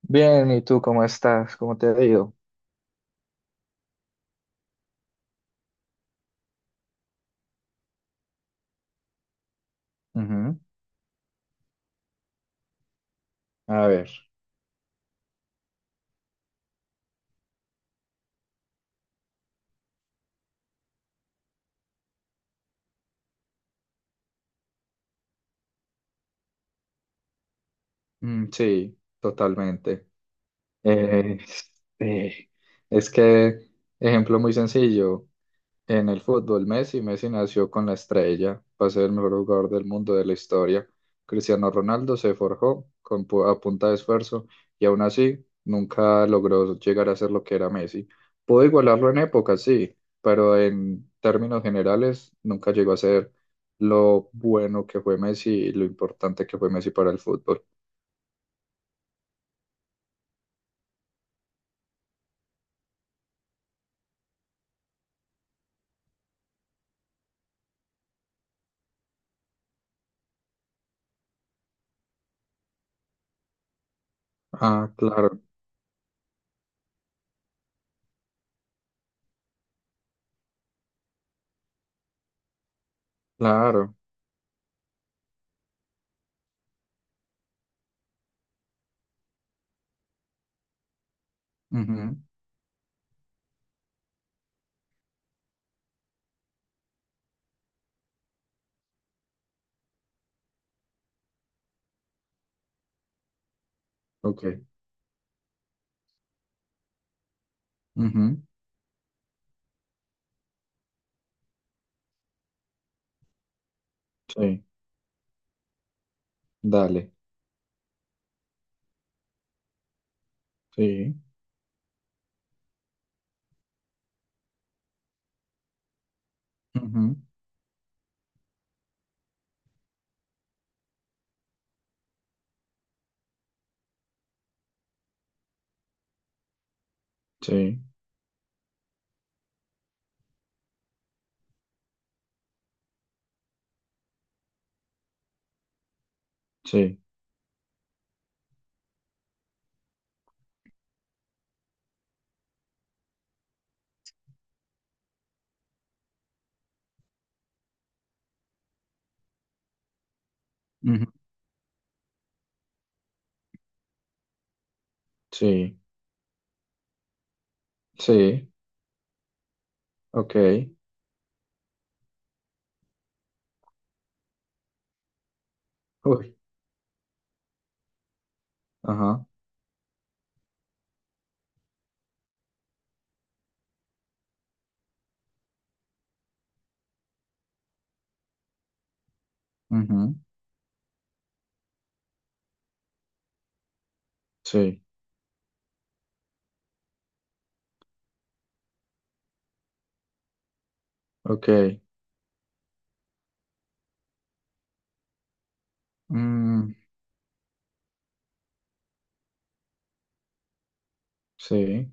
Bien, ¿y tú cómo estás? ¿Cómo te ha ido? Ujú. A ver, mm, sí, totalmente. Eh, eh, es que, ejemplo muy sencillo, en el fútbol, Messi, Messi nació con la estrella para ser el mejor jugador del mundo de la historia. Cristiano Ronaldo se forjó con a punta de esfuerzo y aún así nunca logró llegar a ser lo que era Messi. Pudo igualarlo en épocas, sí, pero en términos generales nunca llegó a ser lo bueno que fue Messi y lo importante que fue Messi para el fútbol. Ah, claro, claro. Ujú. Ok. Ujú. Sí, dale. Sí. Ujú. Sí, sí. Ujú. Sí, sí, ok. Uy, ajá, ujú, sí, ok. Mm, sí,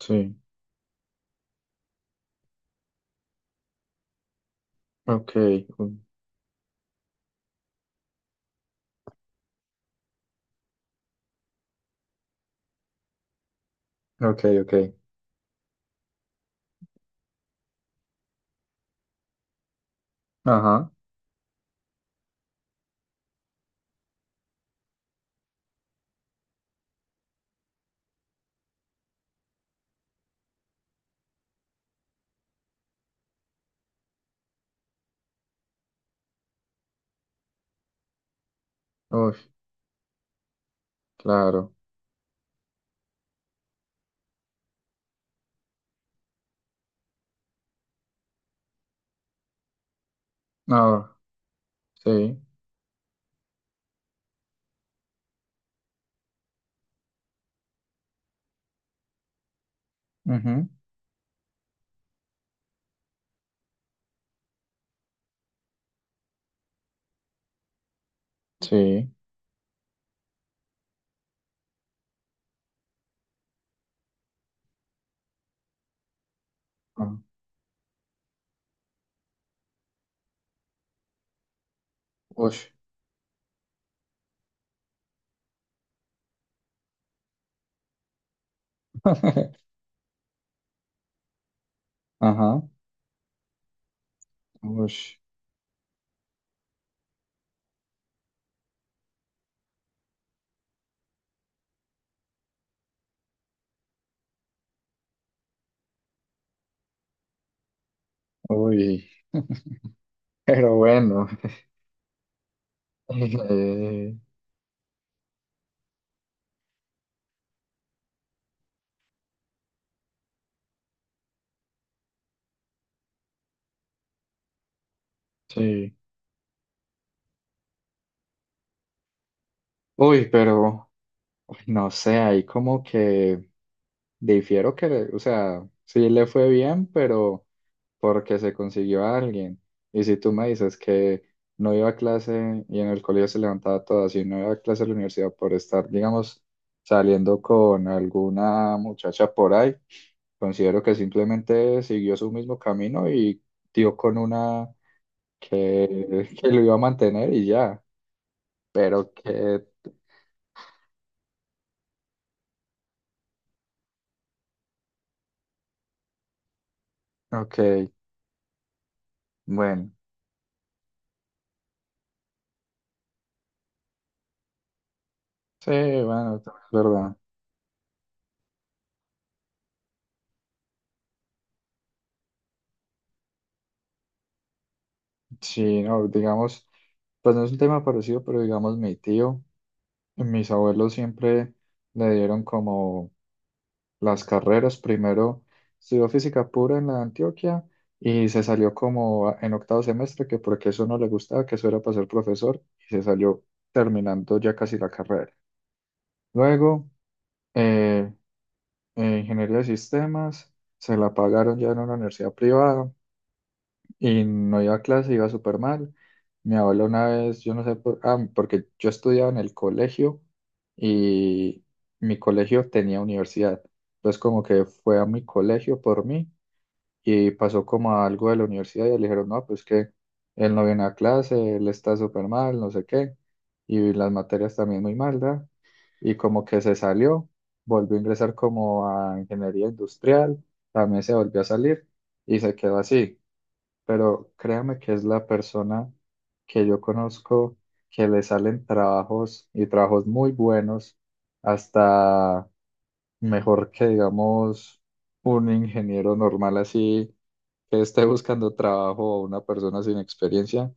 sí, ok, u- ok, ok. Ajá, uy, claro. Ah, sí, ujú, sí, ah, uy, ajá, uy, uy, pero bueno, eh, sí. Uy, pero, uy, no sé, ahí como que difiero que, o sea, sí le fue bien, pero porque se consiguió a alguien. Y si tú me dices que no iba a clase y en el colegio se levantaba todas y no iba a clase a la universidad por estar, digamos, saliendo con alguna muchacha por ahí, considero que simplemente siguió su mismo camino y dio con una que lo iba a mantener y ya. Pero que, ok, bueno, sí, bueno, es verdad. Sí, no, digamos, pues no es un tema parecido, pero digamos mi tío. Mis abuelos siempre le dieron como las carreras. Primero estudió física pura en la Antioquia y se salió como en octavo semestre, que porque eso no le gustaba, que eso era para ser profesor, y se salió terminando ya casi la carrera. Luego, eh, ingeniería de sistemas, se la pagaron ya en una universidad privada. Y no iba a clase, iba súper mal. Mi abuela una vez, yo no sé por, ah, porque yo estudiaba en el colegio y mi colegio tenía universidad. Entonces como que fue a mi colegio por mí y pasó como a algo de la universidad y le dijeron, no, pues que él no viene a clase, él está súper mal, no sé qué. Y las materias también muy mal, ¿da? Y como que se salió, volvió a ingresar como a ingeniería industrial, también se volvió a salir y se quedó así, pero créame que es la persona que yo conozco que le salen trabajos y trabajos muy buenos, hasta mejor que, digamos, un ingeniero normal así que esté buscando trabajo o una persona sin experiencia,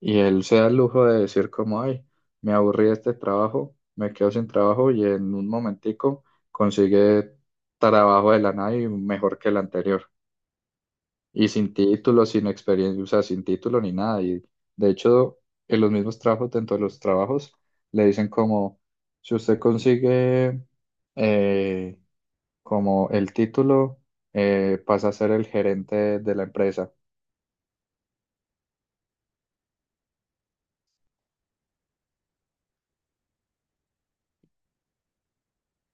y él se da el lujo de decir como, ay, me aburrí de este trabajo, me quedo sin trabajo y en un momentico consigue trabajo de la nada y mejor que el anterior, y sin título, sin experiencia, o sea, sin título ni nada. Y de hecho, en los mismos trabajos, dentro de los trabajos, le dicen como, si usted consigue eh, como el título, pasa a ser el gerente de la empresa.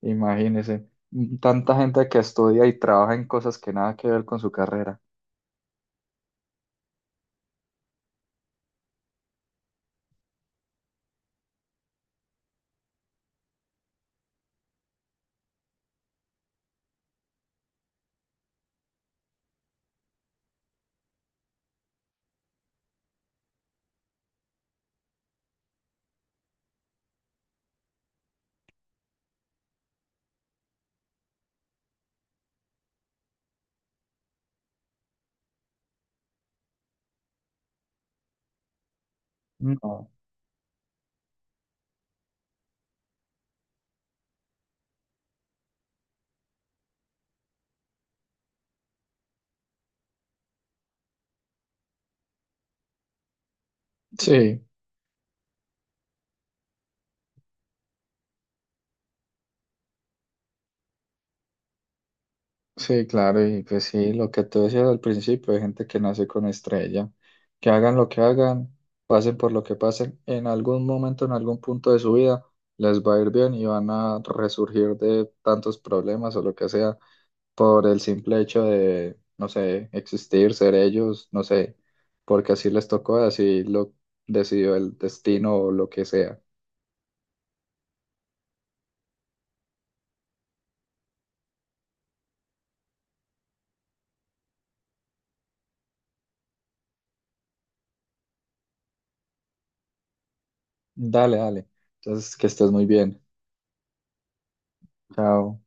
Imagínese, tanta gente que estudia y trabaja en cosas que nada que ver con su carrera. No. Sí. Sí, claro, y pues sí, lo que tú decías al principio, hay gente que nace con estrella, que hagan lo que hagan, pasen por lo que pasen, en algún momento, en algún punto de su vida, les va a ir bien y van a resurgir de tantos problemas o lo que sea, por el simple hecho de, no sé, existir, ser ellos, no sé, porque así les tocó, así lo decidió el destino o lo que sea. Dale, dale. Entonces, que estés muy bien. Chao.